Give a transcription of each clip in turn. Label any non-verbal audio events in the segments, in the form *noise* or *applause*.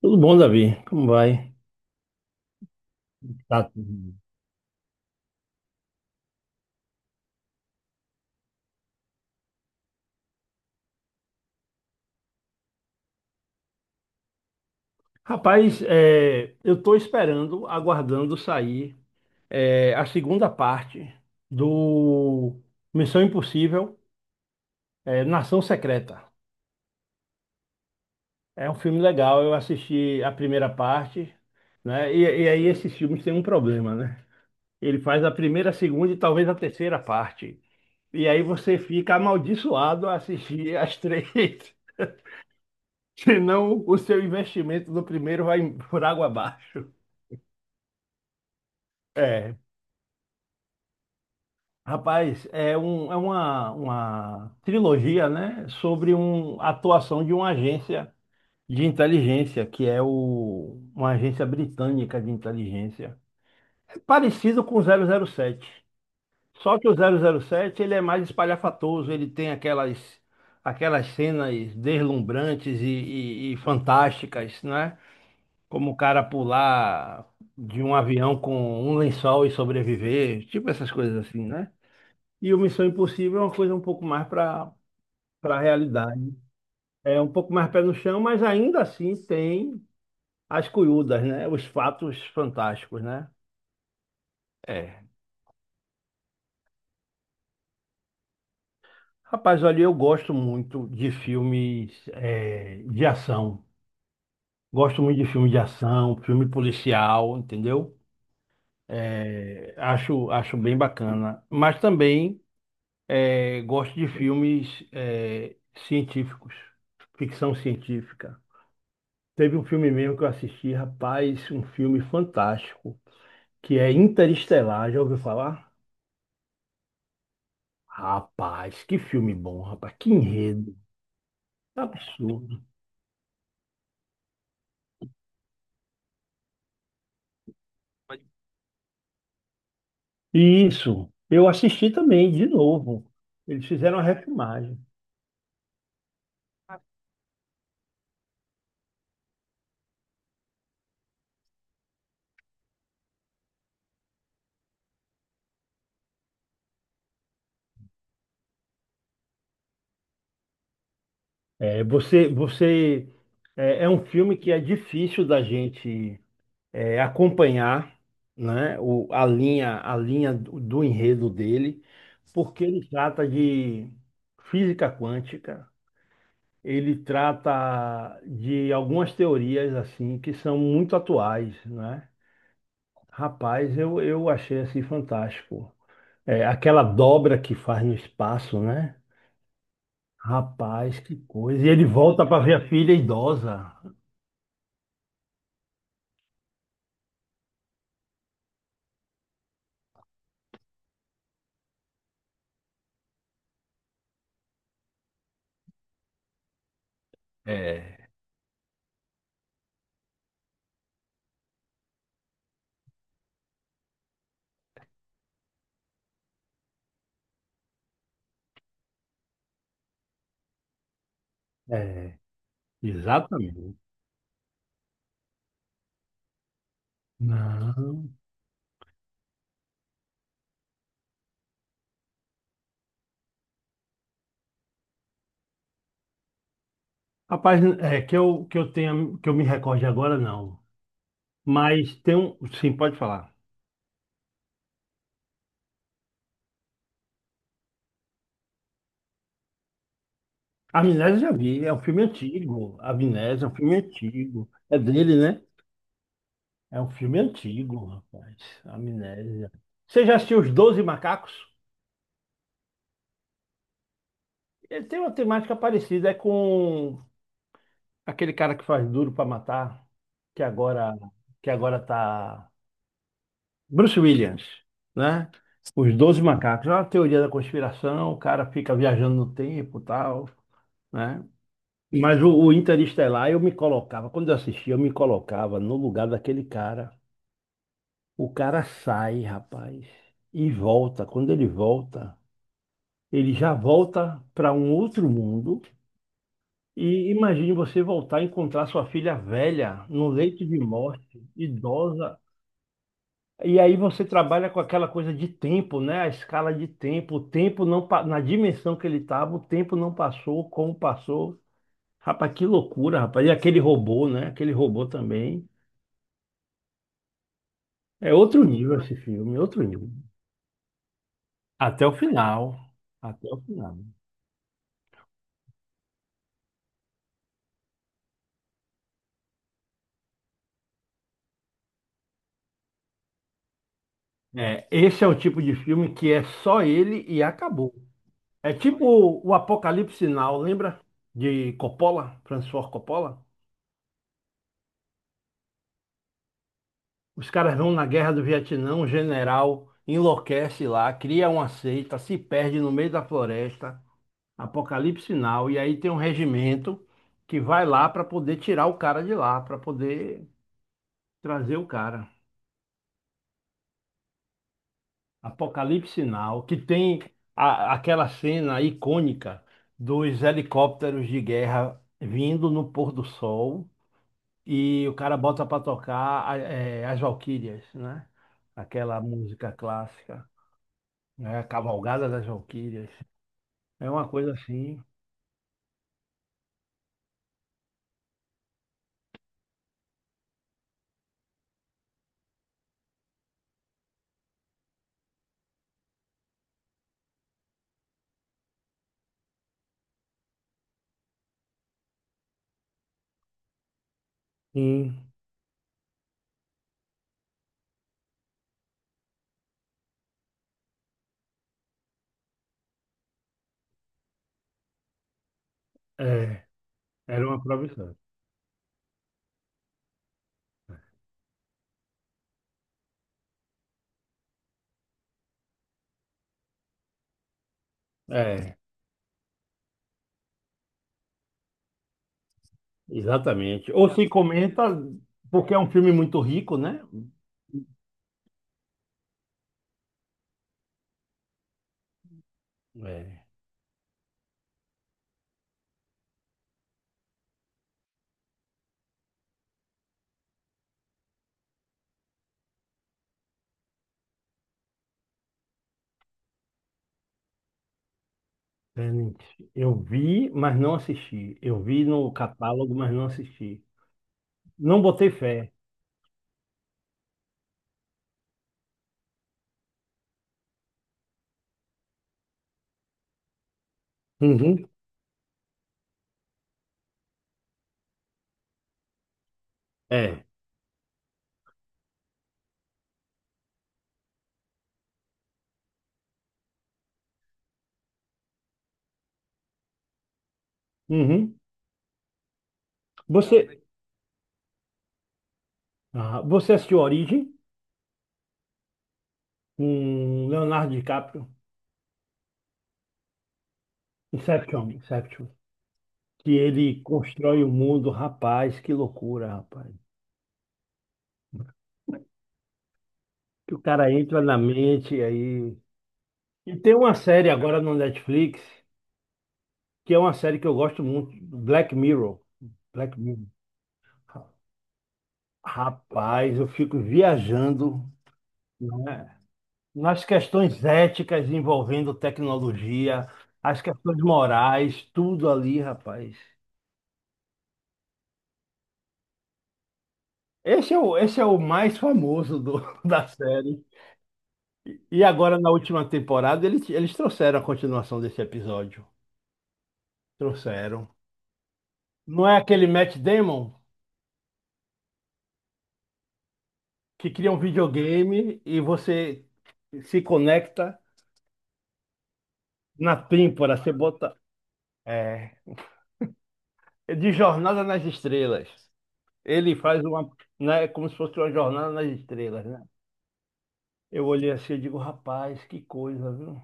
Tudo bom, Davi? Como vai? Tá tudo bem. Rapaz, eu estou esperando, aguardando sair a segunda parte do Missão Impossível, Nação Secreta. É um filme legal, eu assisti a primeira parte, né? E aí esses filmes têm um problema, né? Ele faz a primeira, a segunda e talvez a terceira parte. E aí você fica amaldiçoado a assistir as três, *laughs* senão o seu investimento do primeiro vai por água abaixo. É, Rapaz, uma trilogia, né, sobre a atuação de uma agência de inteligência, que é uma agência britânica de inteligência. É parecido com o 007, só que o 007 ele é mais espalhafatoso, ele tem aquelas cenas deslumbrantes e fantásticas, né? Como o cara pular de um avião com um lençol e sobreviver, tipo essas coisas assim, né? E o Missão Impossível é uma coisa um pouco mais para a realidade. É um pouco mais pé no chão, mas ainda assim tem as curiúdas, né? Os fatos fantásticos, né? É. Rapaz, olha, eu gosto muito de filmes de ação. Gosto muito de filme de ação, filme policial, entendeu? Acho bem bacana. Mas também gosto de filmes científicos, ficção científica. Teve um filme mesmo que eu assisti, rapaz, um filme fantástico, que é Interestelar, já ouviu falar? Rapaz, que filme bom, rapaz, que enredo, absurdo. Isso, eu assisti também, de novo. Eles fizeram a refilmagem. É, você é um filme que é difícil da gente acompanhar, né? A linha do enredo dele, porque ele trata de física quântica, ele trata de algumas teorias assim que são muito atuais, né? Rapaz, eu achei assim fantástico. É, aquela dobra que faz no espaço, né? Rapaz, que coisa. E ele volta para ver a filha idosa. É, é, exatamente. Não. Rapaz, é que eu tenha que eu me recorde agora não. Mas tem um, sim, pode falar. A Amnésia eu já vi, é um filme antigo. A Amnésia é um filme antigo. É dele, né? É um filme antigo, rapaz. Amnésia. Você já assistiu Os Doze Macacos? Ele tem uma temática parecida, com aquele cara que faz Duro pra Matar, que agora que agora tá Bruce Williams, né? Os Doze Macacos. É uma teoria da conspiração, o cara fica viajando no tempo, e tal, né? Mas o Interestelar eu me colocava, quando eu assistia, eu me colocava no lugar daquele cara. O cara sai, rapaz, e volta. Quando ele volta ele já volta para um outro mundo. E imagine você voltar e encontrar sua filha velha no leito de morte, idosa. E aí você trabalha com aquela coisa de tempo, né? A escala de tempo, o tempo não na dimensão que ele estava, o tempo não passou, como passou. Rapaz, que loucura, rapaz. E aquele robô, né? Aquele robô também. É outro nível esse filme, outro nível. Até o final. Até o final. É, esse é o tipo de filme que é só ele e acabou. É tipo o Apocalipse Sinal, lembra? De Coppola, Francis Ford Coppola? Os caras vão na guerra do Vietnã, um general enlouquece lá, cria uma seita, se perde no meio da floresta, Apocalipse Sinal, e aí tem um regimento que vai lá para poder tirar o cara de lá, para poder trazer o cara. Apocalipse Sinal, que tem aquela cena icônica dos helicópteros de guerra vindo no pôr do sol. E o cara bota para tocar as Valquírias, né? Aquela música clássica, né? A Cavalgada das Valquírias. É uma coisa assim. Sim, é, era uma proibição. É, exatamente. Ou se comenta, porque é um filme muito rico, né? É. Tenet. Eu vi, mas não assisti. Eu vi no catálogo, mas não assisti. Não botei fé. Uhum. É. Uhum. Você, você assistiu Origem? Com Leonardo DiCaprio, Inception, Inception, que ele constrói o mundo, rapaz, que loucura, rapaz. Que o cara entra na mente aí. E tem uma série agora no Netflix, que é uma série que eu gosto muito, Black Mirror. Black Mirror. Rapaz, eu fico viajando, né, nas questões éticas envolvendo tecnologia, as questões morais, tudo ali, rapaz. Esse é o mais famoso *laughs* da série. E agora, na última temporada, eles trouxeram a continuação desse episódio. Trouxeram. Não é aquele Matt Damon que cria um videogame e você se conecta na têmpora, você bota. É, de Jornada nas Estrelas. Ele faz uma. Né, como se fosse uma jornada nas estrelas, né? Eu olhei assim e digo, rapaz, que coisa, viu?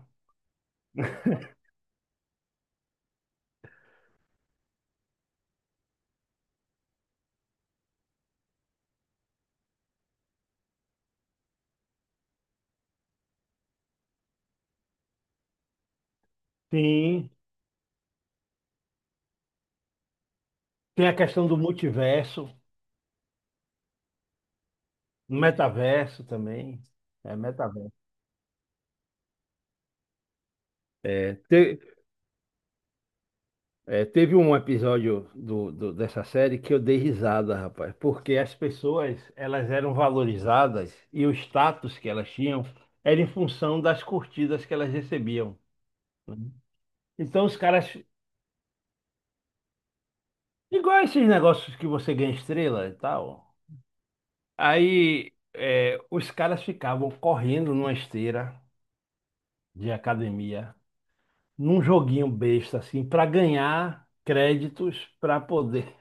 Sim. Tem a questão do multiverso, metaverso também. É, metaverso. É, te- Teve um episódio dessa série que eu dei risada, rapaz, porque as pessoas elas eram valorizadas e o status que elas tinham era em função das curtidas que elas recebiam. Né? Então os caras, igual esses negócios que você ganha estrela e tal, aí os caras ficavam correndo numa esteira de academia, num joguinho besta assim, para ganhar créditos para poder.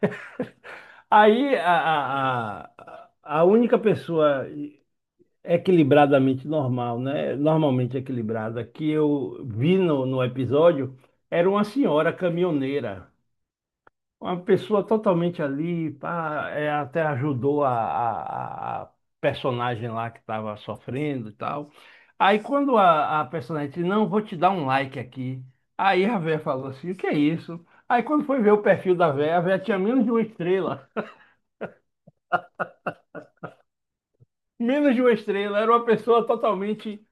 Aí a única pessoa equilibradamente normal, né? Normalmente equilibrada, que eu vi no episódio era uma senhora caminhoneira. Uma pessoa totalmente ali, pá, até ajudou a personagem lá que estava sofrendo e tal. Aí quando a personagem disse, não, vou te dar um like aqui. Aí a véia falou assim, o que é isso? Aí quando foi ver o perfil da véia, a véia tinha menos de uma estrela. Menos de uma estrela, era uma pessoa totalmente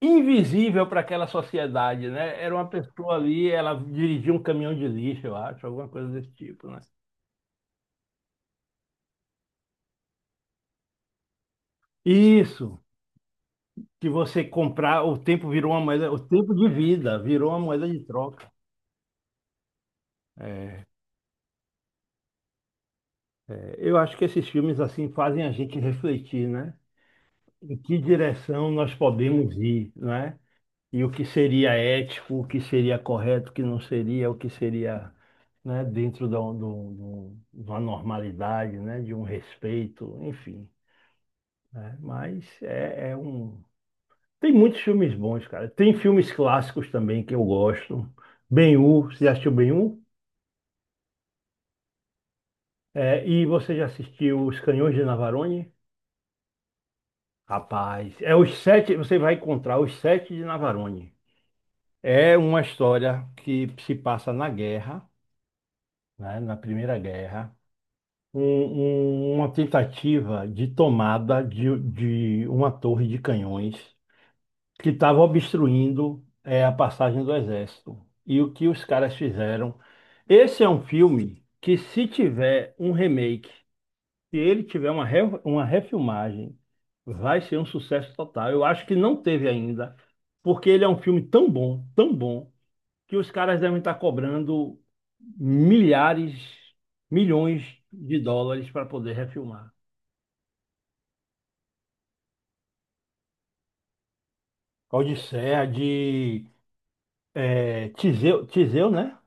invisível para aquela sociedade, né? Era uma pessoa ali, ela dirigia um caminhão de lixo, eu acho, alguma coisa desse tipo, né? Isso, que você comprar, o tempo virou uma moeda, o tempo de vida virou uma moeda de troca. É, eu acho que esses filmes assim fazem a gente refletir, né? Em que direção nós podemos ir, né? E o que seria ético, o que seria correto, o que não seria, o que seria, né, dentro de uma normalidade, né, de um respeito, enfim, né? Mas é um... Tem muitos filmes bons, cara. Tem filmes clássicos também que eu gosto. Ben-Hur, você já assistiu Ben-Hur? É, e você já assistiu Os Canhões de Navarone? Rapaz, é os sete, você vai encontrar os sete de Navarone. É uma história que se passa na guerra, né, na Primeira Guerra. Uma tentativa de tomada de uma torre de canhões que estava obstruindo a passagem do exército. E o que os caras fizeram? Esse é um filme que, se tiver um remake, se ele tiver uma refilmagem, vai ser um sucesso total. Eu acho que não teve ainda, porque ele é um filme tão bom, que os caras devem estar cobrando milhares, milhões de dólares para poder refilmar. Odisseia de Tiseu, Tiseu, né?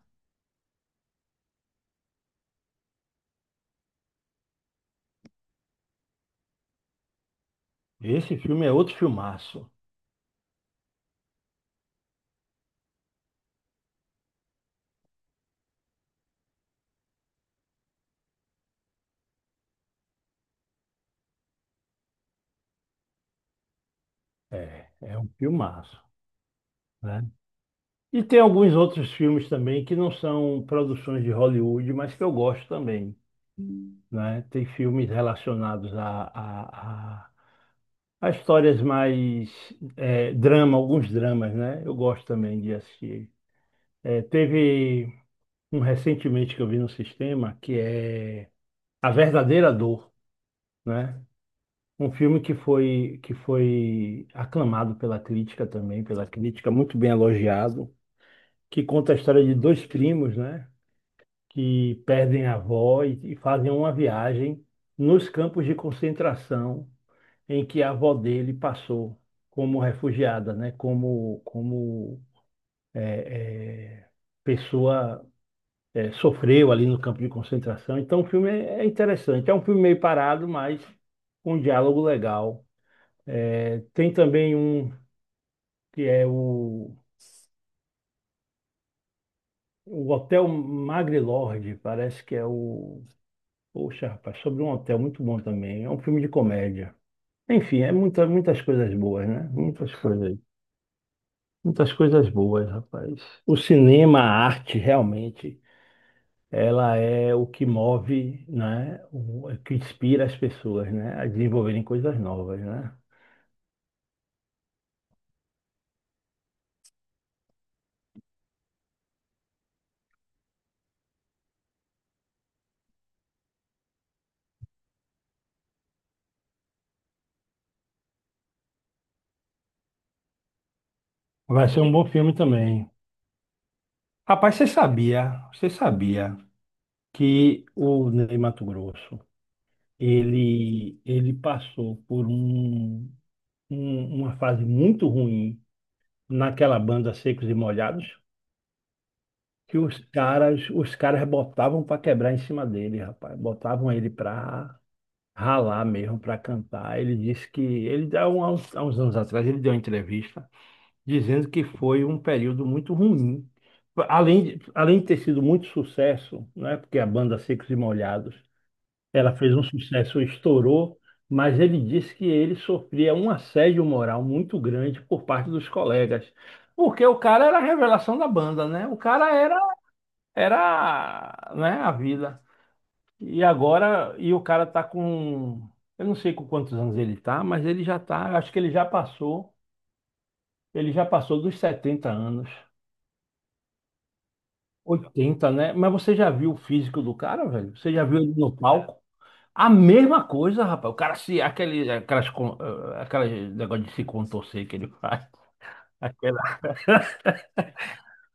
Esse filme é outro filmaço. É, é um filmaço, né? E tem alguns outros filmes também que não são produções de Hollywood, mas que eu gosto também, né? Tem filmes relacionados a histórias mais drama, alguns dramas, né? Eu gosto também de assistir. É, teve um recentemente que eu vi no sistema que é A Verdadeira Dor, né? Um filme que foi aclamado pela crítica também, pela crítica, muito bem elogiado, que conta a história de dois primos, né, que perdem a avó e fazem uma viagem nos campos de concentração em que a avó dele passou como refugiada, né, como é, é, pessoa sofreu ali no campo de concentração. Então o filme é interessante. É um filme meio parado, mas com um diálogo legal. É, tem também um que é o Hotel Magrelorde, parece que é o. Poxa, rapaz, sobre um hotel muito bom também. É um filme de comédia. Enfim, é muitas coisas boas, né? Muitas coisas boas, rapaz. O cinema, a arte, realmente, ela é o que move, né? O que inspira as pessoas, né? A desenvolverem coisas novas, né? Vai ser um bom filme também. Rapaz, você sabia? Você sabia? Que o Ney Matogrosso, ele passou por uma fase muito ruim naquela banda Secos e Molhados, que os caras botavam para quebrar em cima dele, rapaz. Botavam ele para ralar mesmo, para cantar. Ele disse que ele há uns anos atrás ele deu uma entrevista dizendo que foi um período muito ruim. Além de ter sido muito sucesso, né? Porque a banda Secos e Molhados, ela fez um sucesso, estourou, mas ele disse que ele sofria um assédio moral muito grande por parte dos colegas. Porque o cara era a revelação da banda, né? O cara era, né, a vida. E agora, e o cara tá com, eu não sei com quantos anos ele tá, mas ele já tá, acho que ele já passou dos 70 anos. 80, né? Mas você já viu o físico do cara, velho? Você já viu ele no palco? A mesma coisa, rapaz. O cara se. Aquele, aquelas, con- eh, aquelas negócio de se contorcer que ele faz. *laughs* Aquela, *laughs*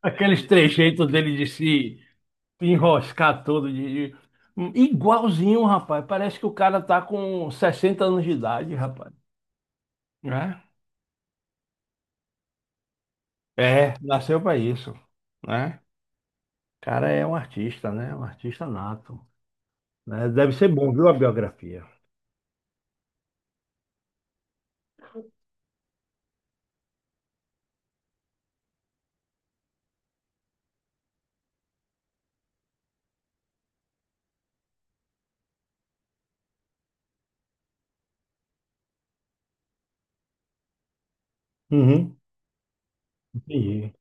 aqueles trejeitos dele de se enroscar todo. Igualzinho, rapaz. Parece que o cara tá com 60 anos de idade, rapaz. Né? É, nasceu pra isso. Né? O cara é um artista, né? Um artista nato. Né? Deve ser bom, viu, a biografia. Uhum, entendi.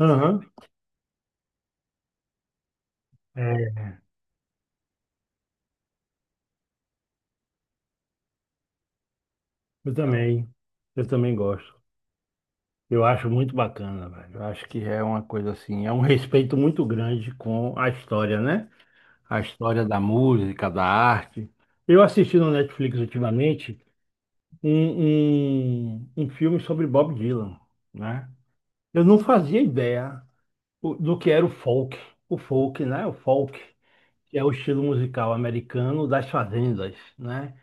Aham, é, eu também. Eu também gosto. Eu acho muito bacana, velho. Eu acho que é uma coisa assim, é um respeito muito grande com a história, né? A história da música, da arte. Eu assisti no Netflix ultimamente um filme sobre Bob Dylan, né? Eu não fazia ideia do que era o folk, né? O folk, que é o estilo musical americano das fazendas, né?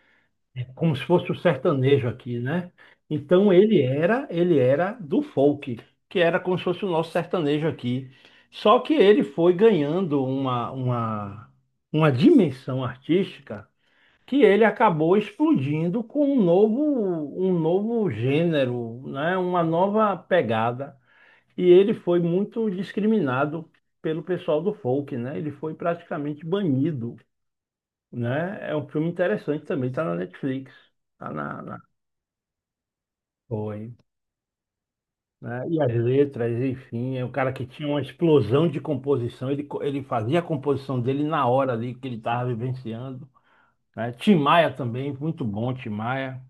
Como se fosse o sertanejo aqui, né? Então ele era do folk, que era como se fosse o nosso sertanejo aqui. Só que ele foi ganhando uma dimensão artística que ele acabou explodindo com um novo gênero, né? Uma nova pegada. E ele foi muito discriminado pelo pessoal do folk, né? Ele foi praticamente banido, né? É um filme interessante também, está na Netflix. Tá foi, né? E as letras, enfim, é um cara que tinha uma explosão de composição, ele fazia a composição dele na hora ali que ele estava vivenciando, né? Tim Maia também, muito bom, Tim Maia,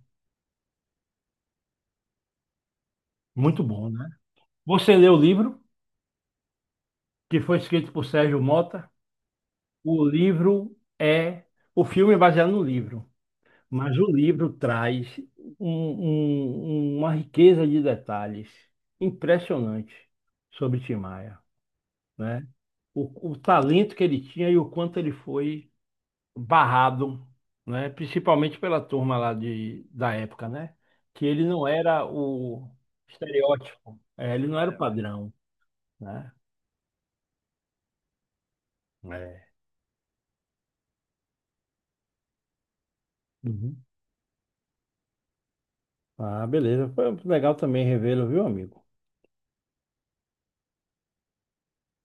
muito bom, né? Você leu o livro, que foi escrito por Sérgio Mota, o livro é, o filme é baseado no livro, mas o livro traz uma riqueza de detalhes impressionante sobre Tim Maia, né? O talento que ele tinha e o quanto ele foi barrado, né? Principalmente pela turma lá da época, né? Que ele não era o estereótipo, ele não era o padrão, né? É. Uhum. Ah, beleza. Foi legal também revê-lo, viu, amigo?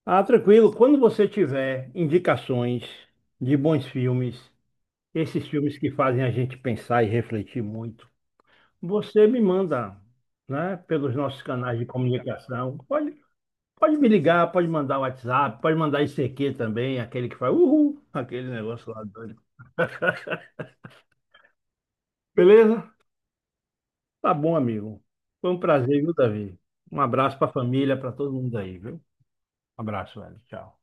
Ah, tranquilo. Quando você tiver indicações de bons filmes, esses filmes que fazem a gente pensar e refletir muito, você me manda, né, pelos nossos canais de comunicação. Pode me ligar, pode mandar WhatsApp, pode mandar ICQ também, aquele que faz uhul, aquele negócio lá doido. *laughs* Beleza? Tá bom, amigo. Foi um prazer, viu, Davi? Um abraço pra família, pra todo mundo aí, viu? Um abraço, velho. Tchau.